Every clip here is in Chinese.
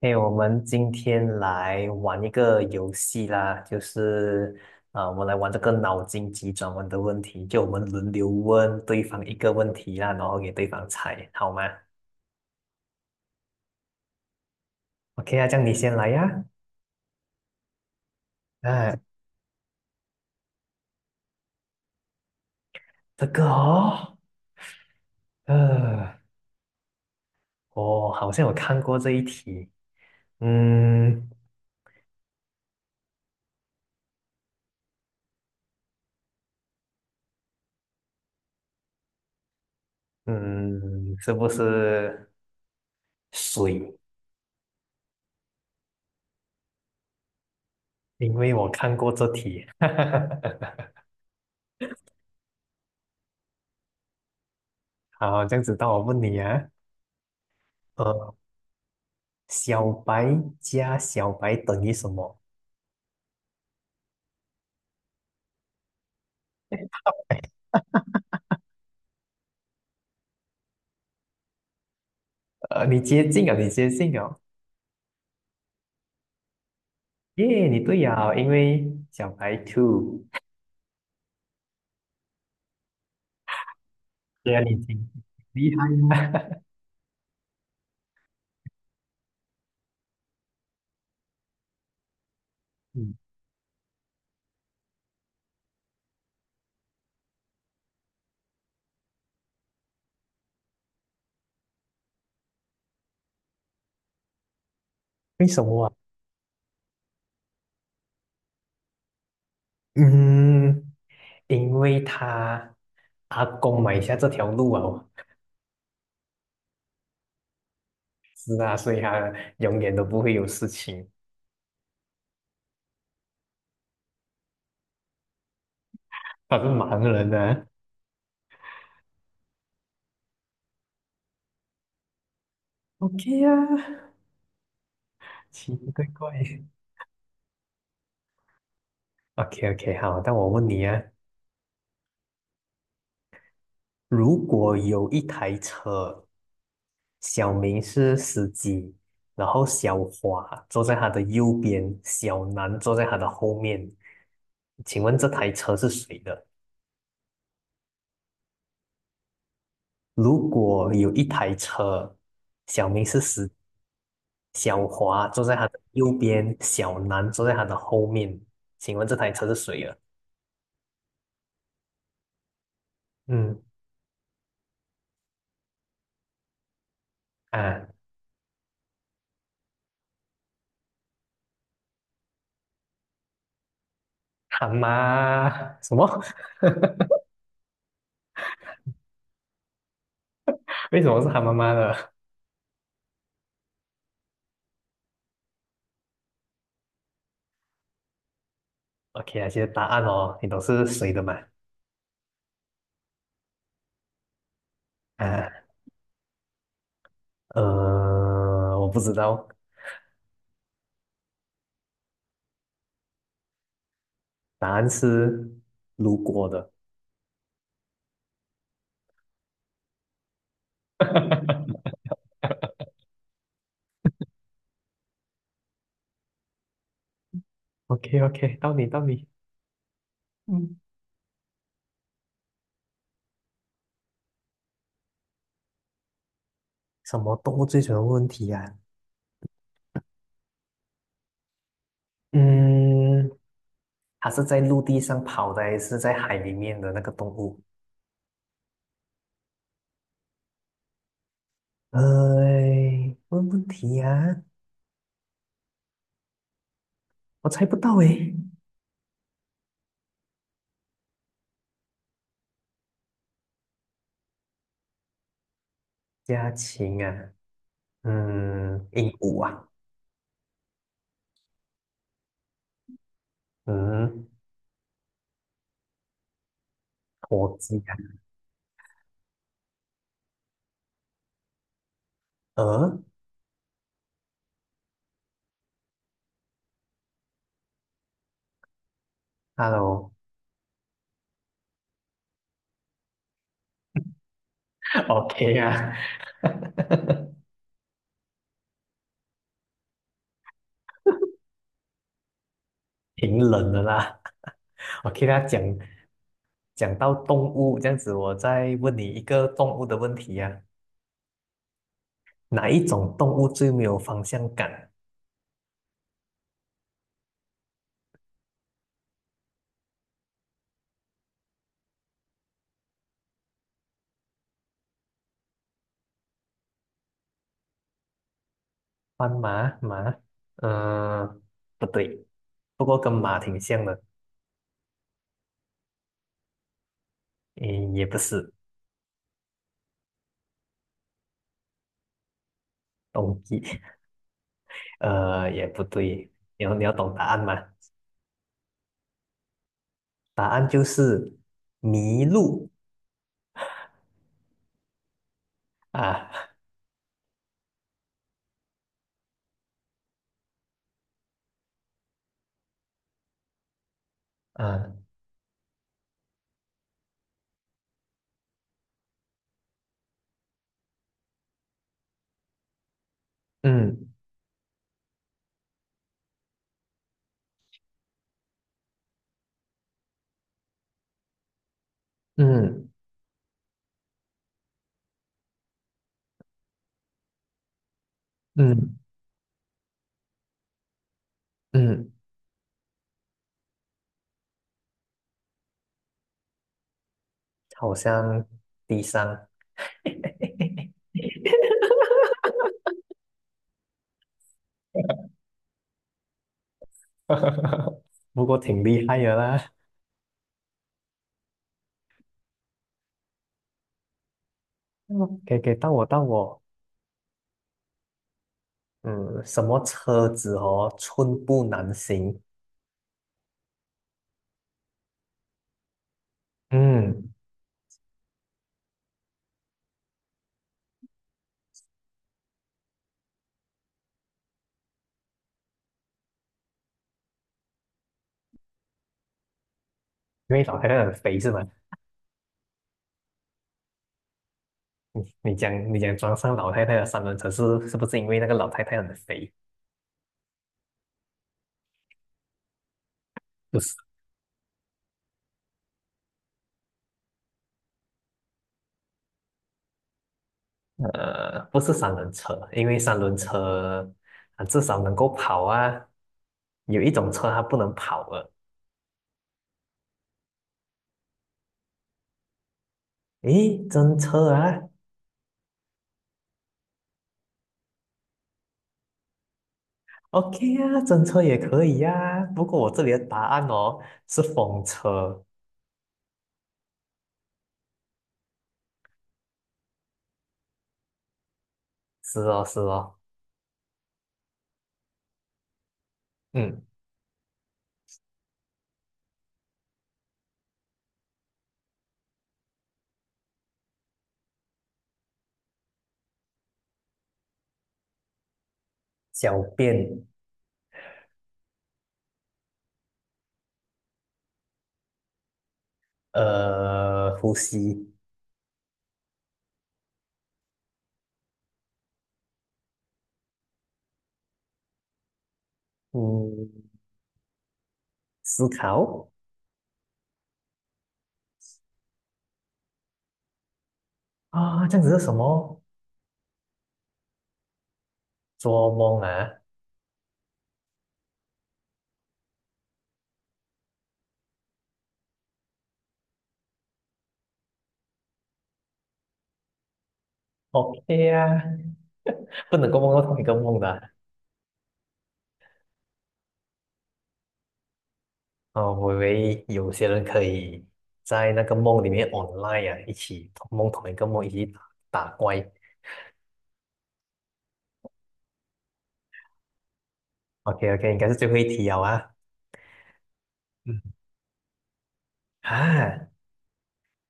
哎，我们今天来玩一个游戏啦，就是啊、我们来玩这个脑筋急转弯的问题，就我们轮流问对方一个问题啦，然后给对方猜，好吗？OK 啊，这样你先来呀。哎、这个哦，呃，我好像有看过这一题，嗯嗯，是不是水？因为我看过这题，好，这样子当我问你啊。呃小白加小白等于什么？你接近啊，你接近啊，耶，你对呀，因为小白 two，对呀，你挺厉害。嗯，为什么啊？嗯，因为他阿公买下这条路啊，是啊，所以他永远都不会有事情。他是盲人啊。OK 呀啊，奇奇怪怪。OK OK，好，那我问你啊，如果有一台车，小明是司机，然后小华坐在他的右边，小南坐在他的后面，请问这台车是谁的？如果有一台车，小明是司，小华坐在他的右边，小南坐在他的后面，请问这台车是谁的？嗯啊，他妈什么？为什么是他妈妈的？OK 啊，现在答案哦，你都是谁的嘛？啊，我不知道，答案是路过的。OK OK，到你到你。嗯，什么动物最喜欢问题呀、嗯，它是在陆地上跑的，还是在海里面的那个动物？哎，问问题呀、我猜不到诶。家禽啊，嗯，鹦鹉啊，嗯，火鸡啊，鹅哈喽 l l o o k 啊。挺冷的啦。我给大家讲讲到动物这样子，我再问你一个动物的问题呀、啊哪一种动物最没有方向感？斑马、马？嗯、不对，不过跟马挺像的。嗯，也不是东西，也不对。你要懂答案吗？答案就是麋鹿啊啊，嗯嗯嗯嗯，好像低伤，不过挺厉害的啦。嗯，给到我到我，嗯，什么车子哦，寸步难行。嗯，因为老太太很肥是吗？你讲你讲装上老太太的三轮车是不是因为那个老太太很肥？不是，不是三轮车，因为三轮车啊至少能够跑啊，有一种车它不能跑了。诶，真车啊，OK 啊，真车也可以呀、啊不过我这里的答案哦是风车，是哦是哦，嗯。小便，呼吸，嗯，思考啊，这样子是什么？做梦啊？OK 啊，不能够梦到同一个梦的啊。哦我以为有些人可以在那个梦里面 online 啊，一起同梦同一个梦，一起打打怪。OK OK，应该是最后一题了啊。嗯啊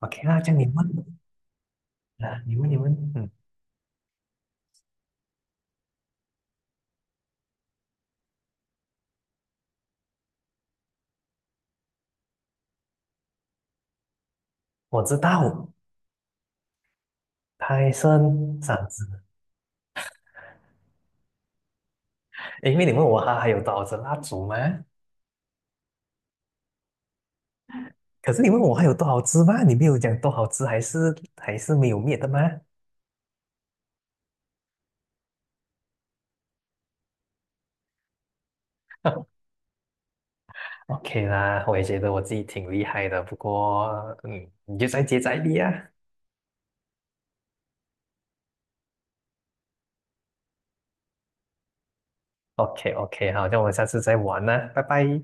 ，OK 啦，这样你问啊，你问你问，嗯，我知道，森，剩三只。因为你问我它还有多少支蜡烛吗？可是你问我还有多少吃吗？你没有讲多少吃，还是没有灭的吗 ？OK 啦，我也觉得我自己挺厉害的，不过嗯，你就再接再厉啊。OK OK，好，那我们下次再玩啦，拜拜。